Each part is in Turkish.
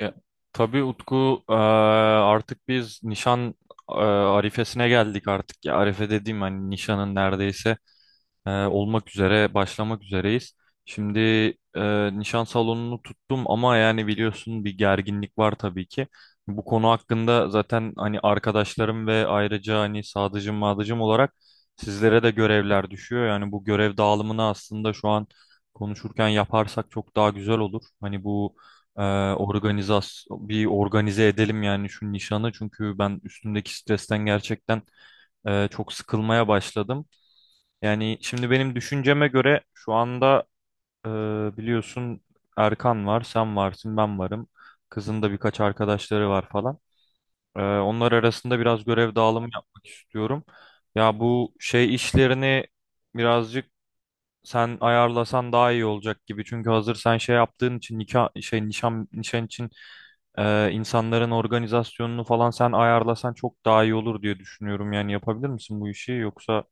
Ya, tabii Utku artık biz nişan arifesine geldik artık ya. Arife dediğim hani nişanın neredeyse olmak üzere başlamak üzereyiz. Şimdi nişan salonunu tuttum ama yani biliyorsun bir gerginlik var tabii ki. Bu konu hakkında zaten hani arkadaşlarım ve ayrıca hani sadıcım madıcım olarak sizlere de görevler düşüyor. Yani bu görev dağılımını aslında şu an konuşurken yaparsak çok daha güzel olur. Hani bu e, organizas bir organize edelim yani şu nişanı çünkü ben üstümdeki stresten gerçekten çok sıkılmaya başladım. Yani şimdi benim düşünceme göre şu anda e, biliyorsun Erkan var, sen varsın, ben varım. Kızın da birkaç arkadaşları var falan. Onlar arasında biraz görev dağılımı yapmak istiyorum. Ya bu şey işlerini birazcık sen ayarlasan daha iyi olacak gibi. Çünkü hazır sen şey yaptığın için nikah şey nişan için insanların organizasyonunu falan sen ayarlasan çok daha iyi olur diye düşünüyorum. Yani yapabilir misin bu işi yoksa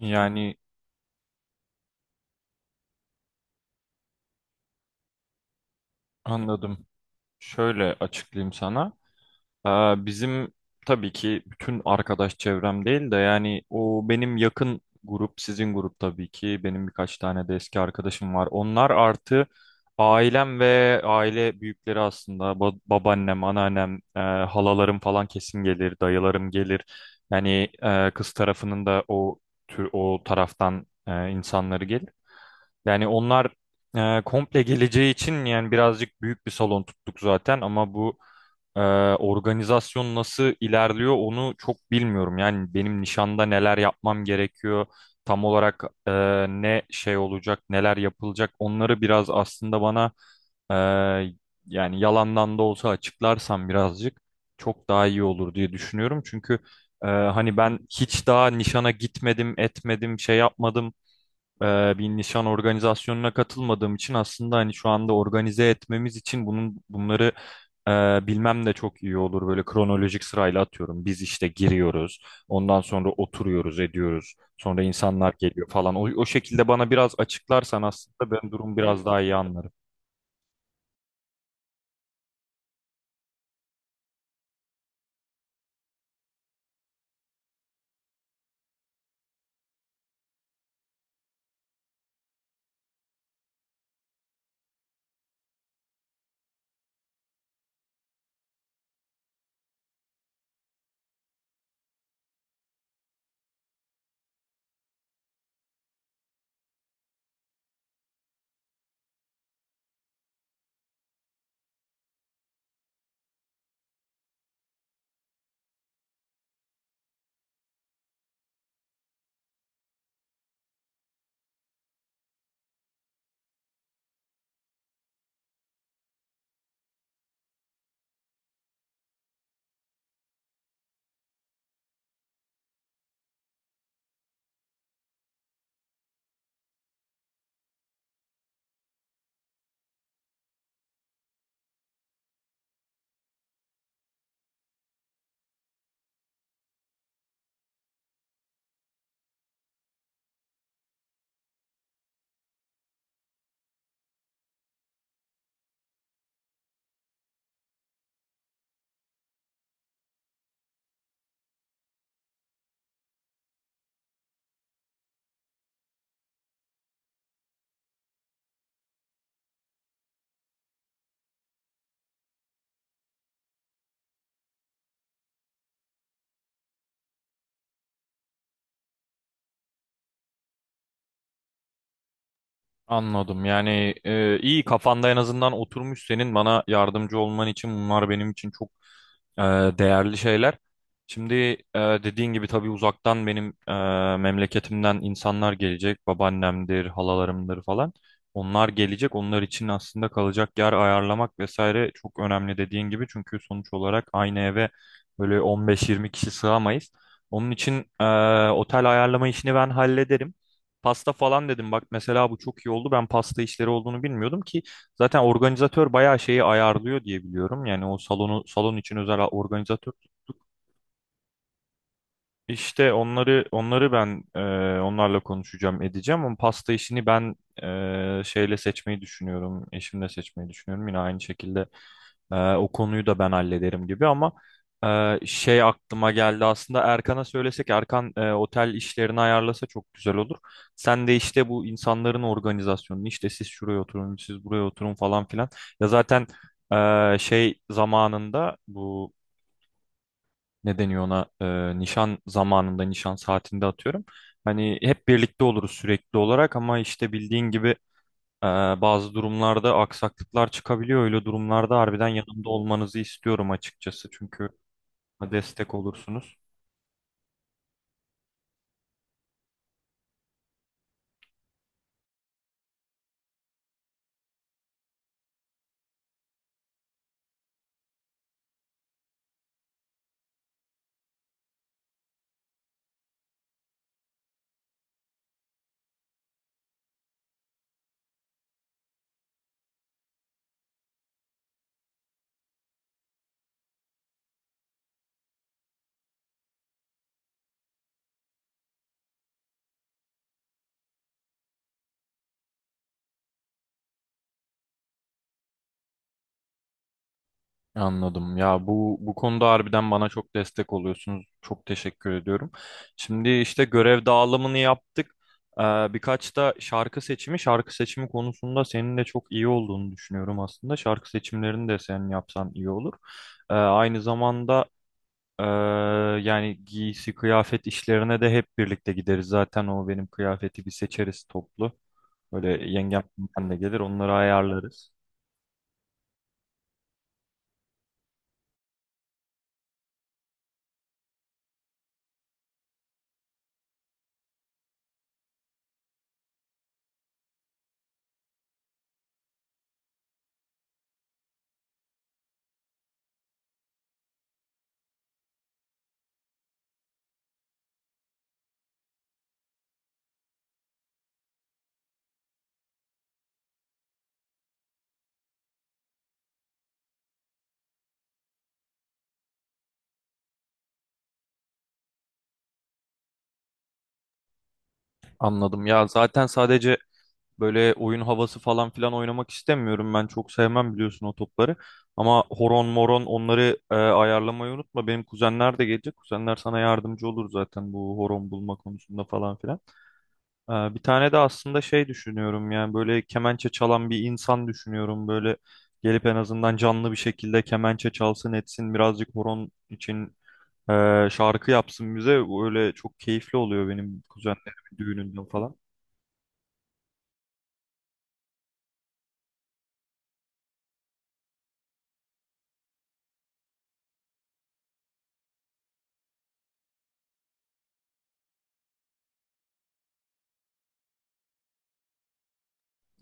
yani anladım. Şöyle açıklayayım sana. Aa, bizim tabii ki bütün arkadaş çevrem değil de yani o benim yakın grup, sizin grup tabii ki. Benim birkaç tane de eski arkadaşım var. Onlar artı ailem ve aile büyükleri aslında. Babaannem, anneannem, halalarım falan kesin gelir, dayılarım gelir. Yani kız tarafının da o tür o taraftan insanları gelir. Yani onlar komple geleceği için yani birazcık büyük bir salon tuttuk zaten ama bu ee, organizasyon nasıl ilerliyor onu çok bilmiyorum. Yani benim nişanda neler yapmam gerekiyor, tam olarak ne şey olacak, neler yapılacak onları biraz aslında bana e, yani yalandan da olsa açıklarsan birazcık çok daha iyi olur diye düşünüyorum. Çünkü hani ben hiç daha nişana gitmedim, etmedim, şey yapmadım bir nişan organizasyonuna katılmadığım için aslında hani şu anda organize etmemiz için bunları bilmem de çok iyi olur. Böyle kronolojik sırayla atıyorum. Biz işte giriyoruz. Ondan sonra oturuyoruz, ediyoruz. Sonra insanlar geliyor falan. O şekilde bana biraz açıklarsan aslında ben durum biraz daha iyi anlarım. Anladım. Yani iyi kafanda en azından oturmuş, senin bana yardımcı olman için bunlar benim için çok e, değerli şeyler. Şimdi dediğin gibi tabii uzaktan benim memleketimden insanlar gelecek. Babaannemdir, halalarımdır falan. Onlar gelecek. Onlar için aslında kalacak yer ayarlamak vesaire çok önemli dediğin gibi. Çünkü sonuç olarak aynı eve böyle 15-20 kişi sığamayız. Onun için e, otel ayarlama işini ben hallederim. Pasta falan dedim bak, mesela bu çok iyi oldu. Ben pasta işleri olduğunu bilmiyordum ki zaten organizatör bayağı şeyi ayarlıyor diye biliyorum. Yani o salon için özel organizatör tuttu. İşte onları ben onlarla konuşacağım edeceğim, ama pasta işini ben e, şeyle seçmeyi düşünüyorum eşimle seçmeyi düşünüyorum, yine aynı şekilde o konuyu da ben hallederim gibi, ama şey aklıma geldi aslında, Erkan'a söylesek Erkan otel işlerini ayarlasa çok güzel olur. Sen de işte bu insanların organizasyonunu, işte siz şuraya oturun siz buraya oturun falan filan, ya zaten şey zamanında, bu ne deniyor ona, nişan zamanında nişan saatinde atıyorum. Hani hep birlikte oluruz sürekli olarak, ama işte bildiğin gibi e, bazı durumlarda aksaklıklar çıkabiliyor. Öyle durumlarda harbiden yanımda olmanızı istiyorum açıkçası, çünkü destek olursunuz. Anladım. Ya bu bu konuda harbiden bana çok destek oluyorsunuz. Çok teşekkür ediyorum. Şimdi işte görev dağılımını yaptık. Ee, Birkaç da şarkı seçimi, şarkı seçimi konusunda senin de çok iyi olduğunu düşünüyorum aslında. Şarkı seçimlerini de sen yapsan iyi olur. Aynı zamanda ee, yani giysi, kıyafet işlerine de hep birlikte gideriz. Zaten o benim kıyafeti bir seçeriz toplu. Böyle yengem ben de gelir, onları ayarlarız. Anladım. Ya zaten sadece böyle oyun havası falan filan oynamak istemiyorum. Ben çok sevmem biliyorsun o topları. Ama horon moron onları ayarlamayı unutma. Benim kuzenler de gelecek. Kuzenler sana yardımcı olur zaten bu horon bulma konusunda falan filan. Bir tane de aslında şey düşünüyorum, yani böyle kemençe çalan bir insan düşünüyorum. Böyle gelip en azından canlı bir şekilde kemençe çalsın etsin, birazcık horon için şarkı yapsın bize. Öyle çok keyifli oluyor benim kuzenlerimin düğününden falan.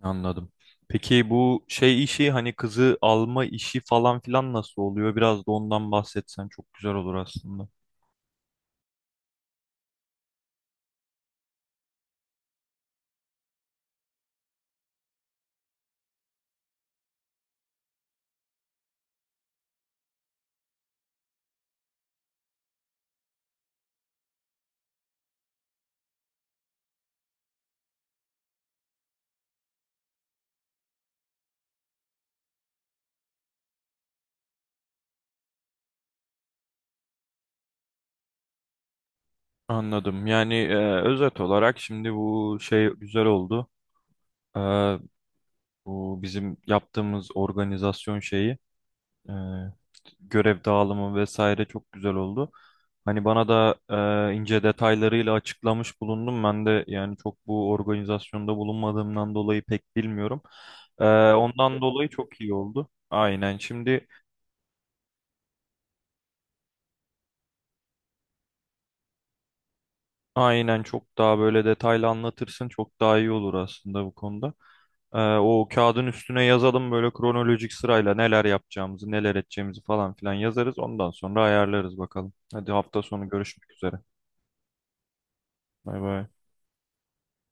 Anladım. Peki bu şey işi, hani kızı alma işi falan filan nasıl oluyor? Biraz da ondan bahsetsen çok güzel olur aslında. Anladım. Yani özet olarak şimdi bu şey güzel oldu. E, Bu bizim yaptığımız organizasyon şeyi, görev dağılımı vesaire çok güzel oldu. Hani bana da ince detaylarıyla açıklamış bulundum. Ben de yani çok bu organizasyonda bulunmadığımdan dolayı pek bilmiyorum. E, Ondan dolayı çok iyi oldu. Aynen, çok daha böyle detaylı anlatırsın çok daha iyi olur aslında bu konuda. O kağıdın üstüne yazalım böyle kronolojik sırayla neler yapacağımızı neler edeceğimizi falan filan yazarız. Ondan sonra ayarlarız bakalım. Hadi, hafta sonu görüşmek üzere. Bay bay.